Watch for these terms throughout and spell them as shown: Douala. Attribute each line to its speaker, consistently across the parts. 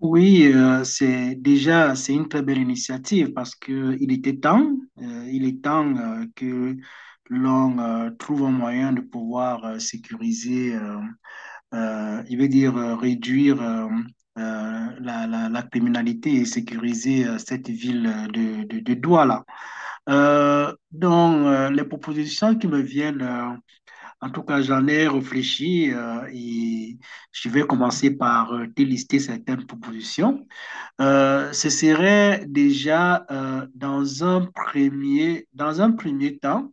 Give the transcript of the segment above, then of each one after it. Speaker 1: Oui, c'est déjà c'est une très belle initiative parce que il était temps, il est temps que l'on trouve un moyen de pouvoir sécuriser, il veut dire réduire la criminalité et sécuriser cette ville de Douala. Donc les propositions qui me viennent, en tout cas j'en ai réfléchi et je vais commencer par délister certaines propositions. Ce serait déjà dans un premier temps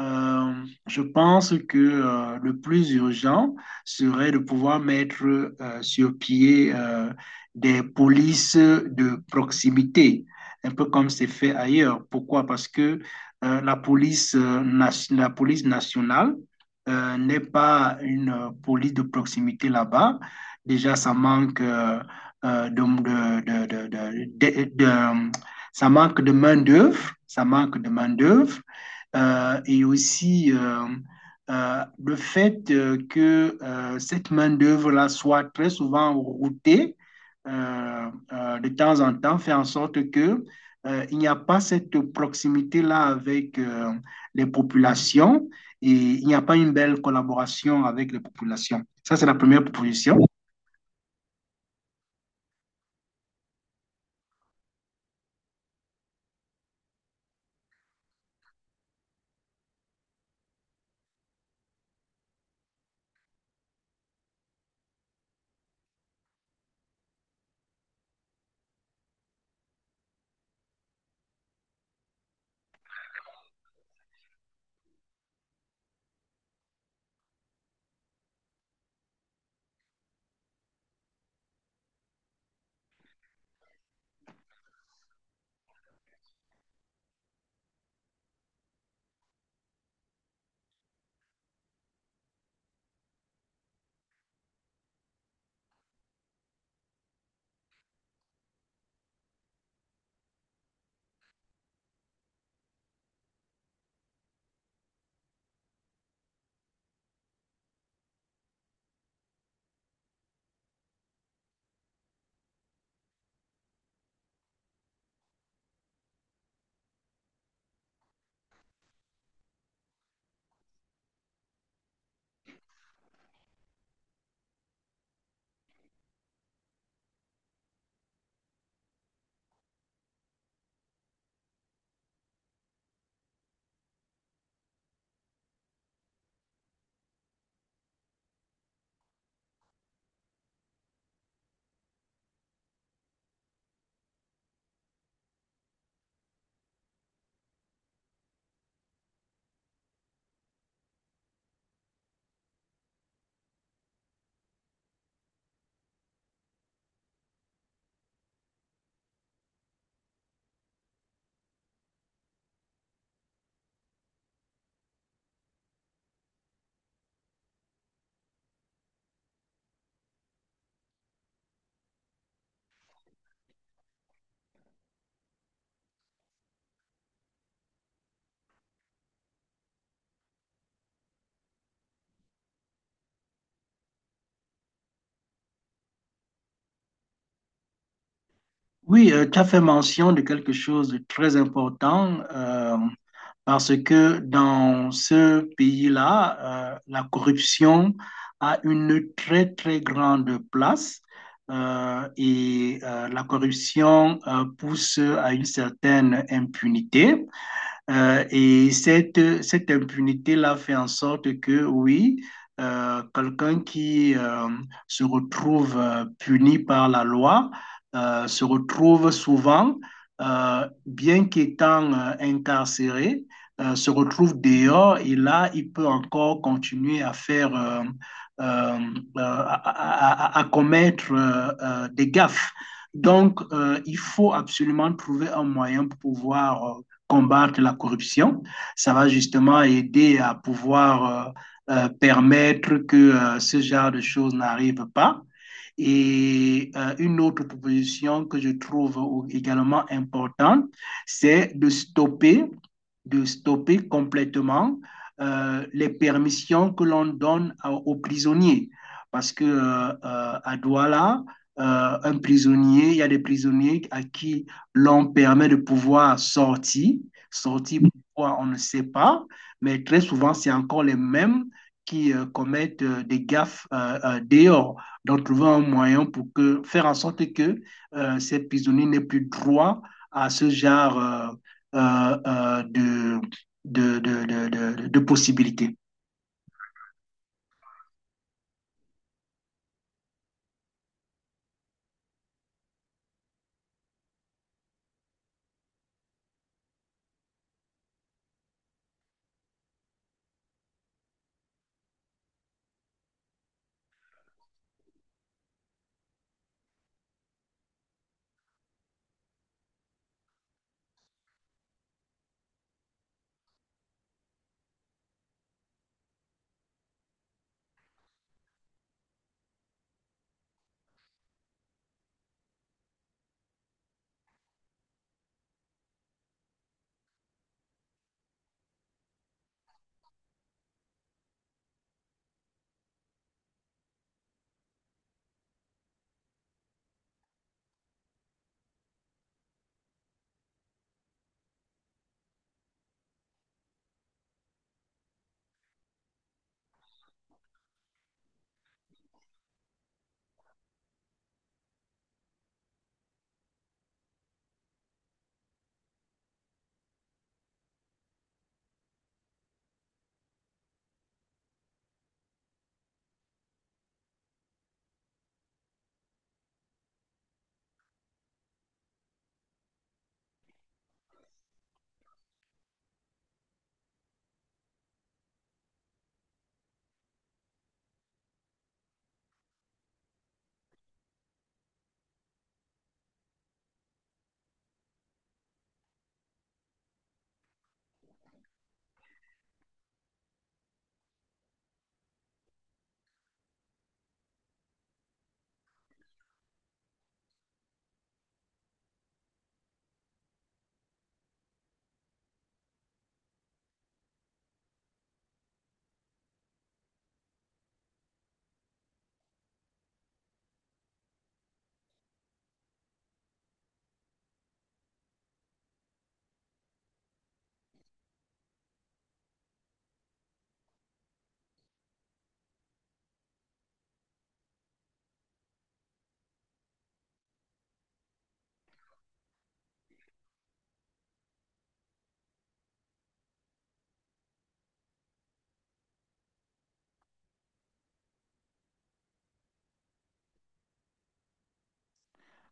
Speaker 1: je pense que le plus urgent serait de pouvoir mettre sur pied des polices de proximité, un peu comme c'est fait ailleurs. Pourquoi? Parce que la police, la police nationale n'est pas une police de proximité là-bas. Déjà, ça manque de- ça manque de main-d'œuvre, ça manque de main-d'œuvre. Et aussi le fait que cette main-d'œuvre-là soit très souvent routée de temps en temps fait en sorte que il n'y a pas cette proximité-là avec les populations et il n'y a pas une belle collaboration avec les populations. Ça, c'est la première proposition. Oui, tu as fait mention de quelque chose de très important. Parce que dans ce pays-là, la corruption a une très, très grande place et la corruption pousse à une certaine impunité. Et cette impunité-là fait en sorte que, oui, quelqu'un qui se retrouve puni par la loi se retrouve souvent, bien qu'étant incarcéré, se retrouve dehors et là, il peut encore continuer à faire, euh, euh, à, commettre des gaffes. Donc, il faut absolument trouver un moyen pour pouvoir combattre la corruption. Ça va justement aider à pouvoir permettre que ce genre de choses n'arrive pas. Et une autre proposition que je trouve également importante, c'est de stopper complètement les permissions que l'on donne à, aux prisonniers. Parce que à Douala, un prisonnier, il y a des prisonniers à qui l'on permet de pouvoir sortir, sortir pourquoi on ne sait pas, mais très souvent c'est encore les mêmes qui commettent des gaffes dehors. Donc trouver un moyen pour que, faire en sorte que ces prisonniers n'aient plus droit à ce genre euh, euh, de, de, de, de, de possibilités.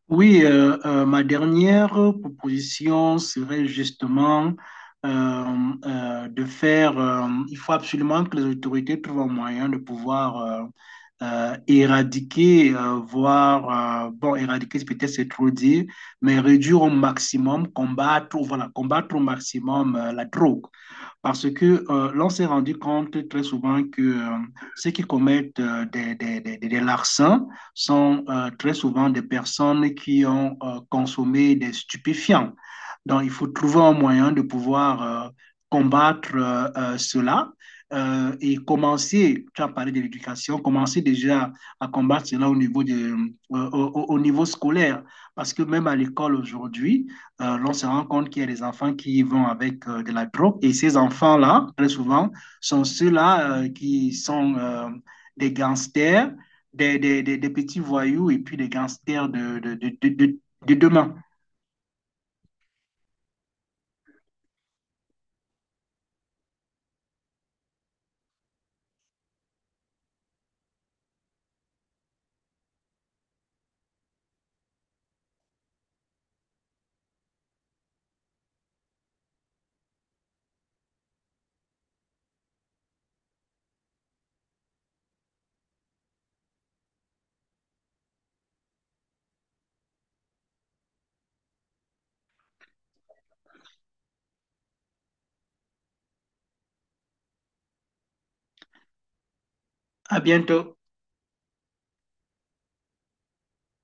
Speaker 1: Oui, ma dernière proposition serait justement euh, de faire, il faut absolument que les autorités trouvent un moyen de pouvoir éradiquer, voire, bon, éradiquer, c'est peut-être c'est trop dire, mais réduire au maximum, combattre, voilà, combattre au maximum la drogue. Parce que l'on s'est rendu compte très souvent que ceux qui commettent des larcins sont très souvent des personnes qui ont consommé des stupéfiants. Donc, il faut trouver un moyen de pouvoir combattre cela et commencer, tu as parlé de l'éducation, commencer déjà à combattre cela au niveau au niveau scolaire. Parce que même à l'école aujourd'hui, l'on se rend compte qu'il y a des enfants qui vont avec de la drogue. Et ces enfants-là, très souvent, sont ceux-là qui sont des gangsters, petits voyous et puis des gangsters de demain. À bientôt.